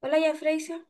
Hola, ya Freysia.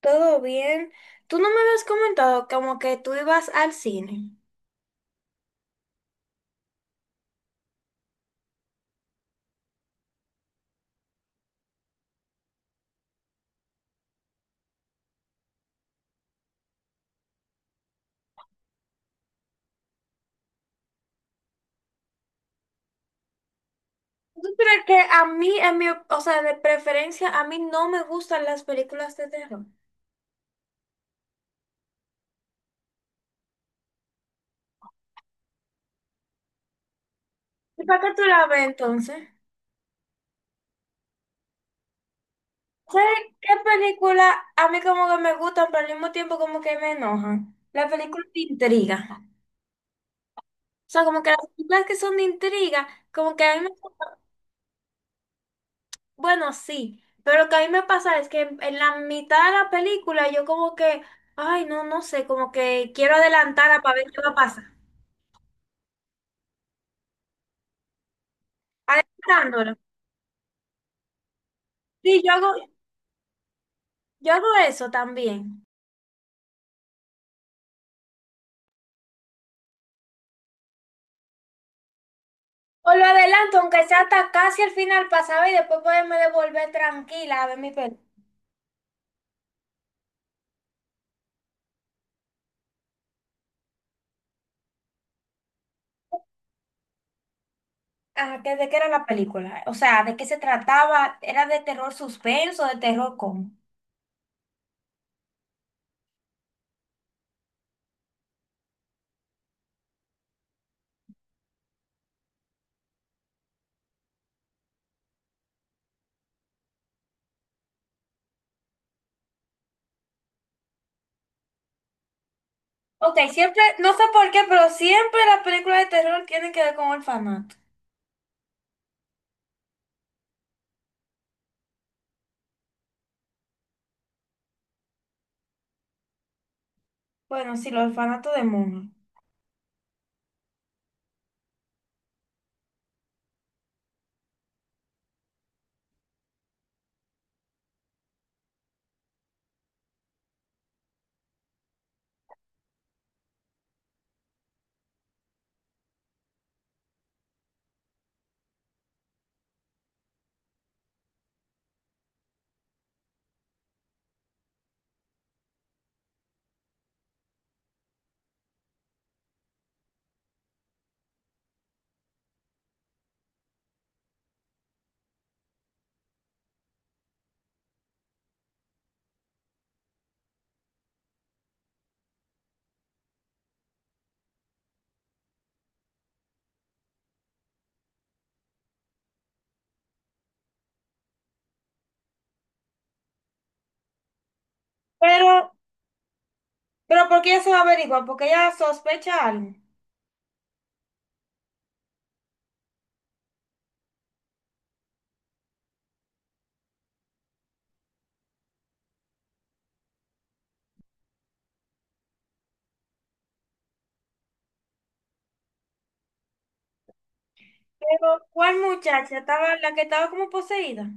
¿Todo bien? Tú no me habías comentado como que tú ibas al cine. Pero que a mí, o sea, de preferencia, a mí no me gustan las películas de terror. ¿Y para qué tú la ves entonces? ¿Sabes qué película a mí como que me gustan, pero al mismo tiempo como que me enojan? La película de intriga. O sea, como que las películas que son de intriga, como que a mí me... Bueno, sí, pero lo que a mí me pasa es que en la mitad de la película yo como que, ay, no, no sé, como que quiero adelantarla para ver qué va a pasar. Adelantándola. Sí, yo hago eso también. O lo adelanto, aunque sea hasta casi al final pasaba y después poderme devolver tranquila a ver mi película. Ah, ¿de qué era la película? O sea, ¿de qué se trataba? ¿Era de terror suspenso, de terror cómo? Ok, siempre, no sé por qué, pero siempre las películas de terror tienen que ver con orfanato. Bueno, sí, los orfanatos de monjas. Pero, pero ¿por qué ella se va a averiguar? Porque ella sospecha algo. Pero, ¿cuál muchacha estaba, la que estaba como poseída?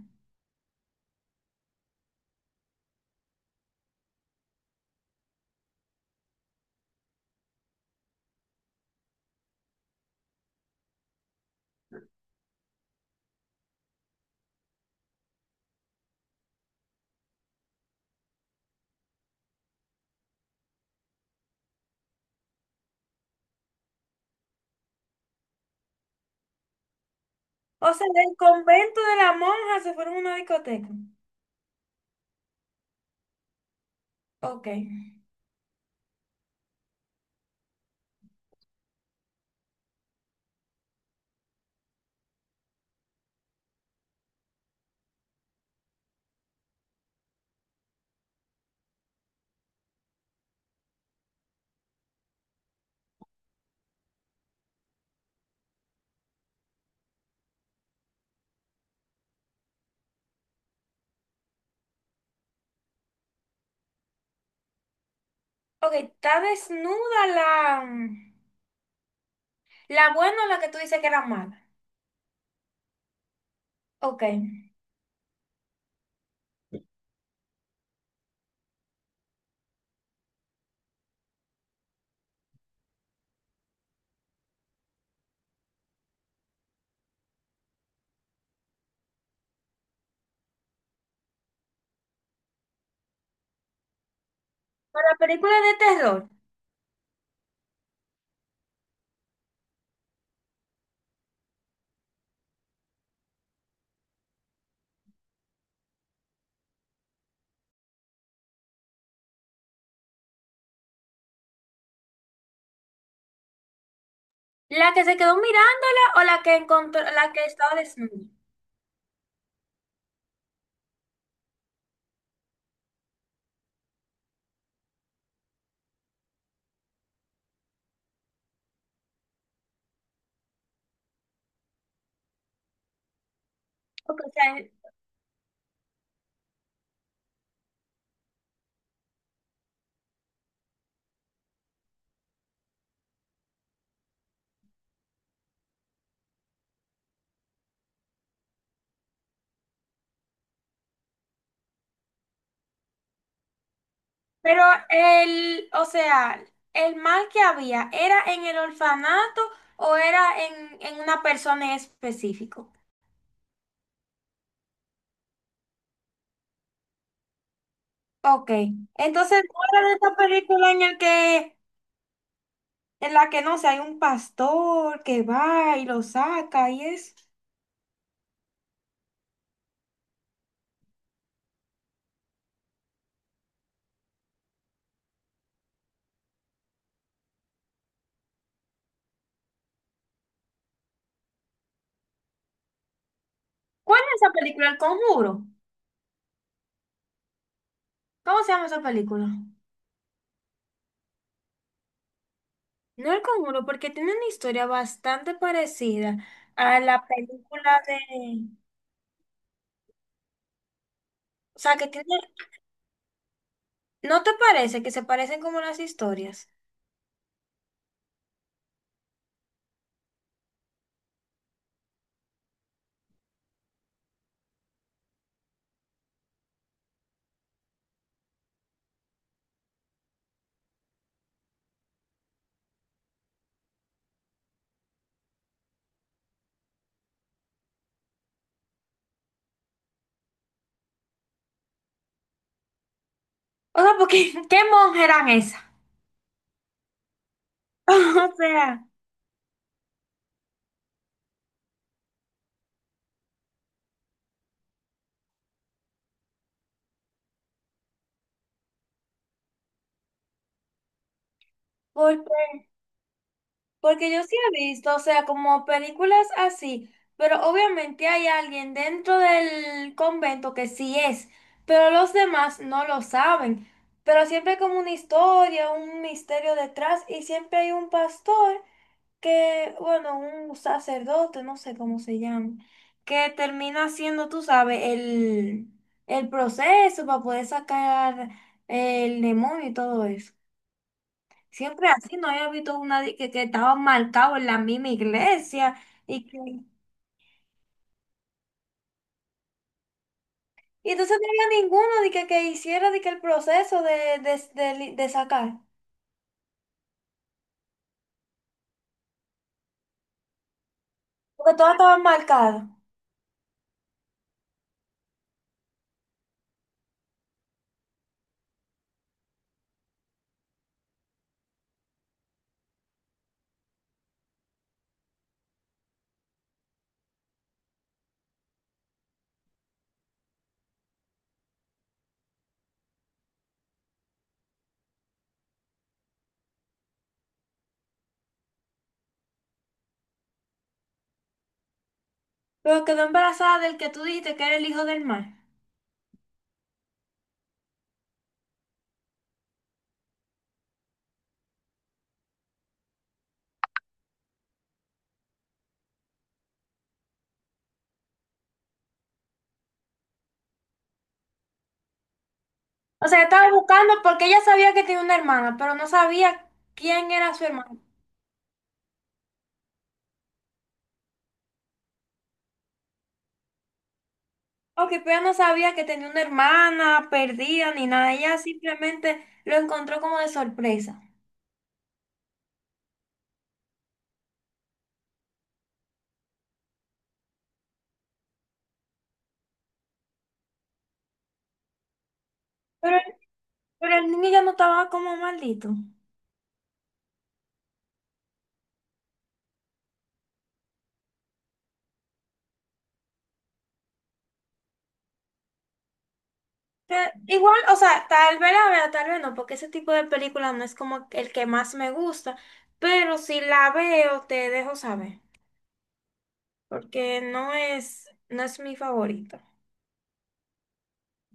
O sea, del convento de la monja se fueron a una discoteca. Ok. Ok, está desnuda la buena o la que tú dices que era mala. Ok. Para películas de terror, ¿la que se quedó mirándola o la que encontró, la que estaba desnuda? Ok, o sea, Pero el, o sea, el mal que había, ¿era en el orfanato o era en una persona en específico? Ok, entonces no era de esta película en el que, en la que no sé, hay un pastor que va y lo saca y es. ¿Cuál es esa película? El Conjuro. ¿Cómo se llama esa película? No el Conjuro, porque tiene una historia bastante parecida a la película de, o sea, que tiene, ¿no te parece que se parecen como las historias? O sea, porque, ¿qué monjas eran esas? O sea, porque, porque yo sí he visto, o sea, como películas así, pero obviamente hay alguien dentro del convento que sí es, pero los demás no lo saben. Pero siempre hay como una historia, un misterio detrás y siempre hay un pastor que, bueno, un sacerdote, no sé cómo se llama, que termina haciendo, tú sabes, el proceso para poder sacar el demonio y todo eso. Siempre así, no había visto una de que estaba marcado en la misma iglesia y que... Y entonces no había ninguno de que hiciera de que el proceso de sacar, porque todas estaban marcadas. Pero quedó embarazada del que tú dijiste que era el hijo del mar. O sea, estaba buscando porque ella sabía que tenía una hermana, pero no sabía quién era su hermana. Ok, pero ella no sabía que tenía una hermana perdida ni nada. Ella simplemente lo encontró como de sorpresa. Pero, pero el niño ya no estaba como maldito. Pero igual, o sea, tal vez la vea, tal vez no, porque ese tipo de película no es como el que más me gusta. Pero si la veo, te dejo saber, porque no es mi favorito.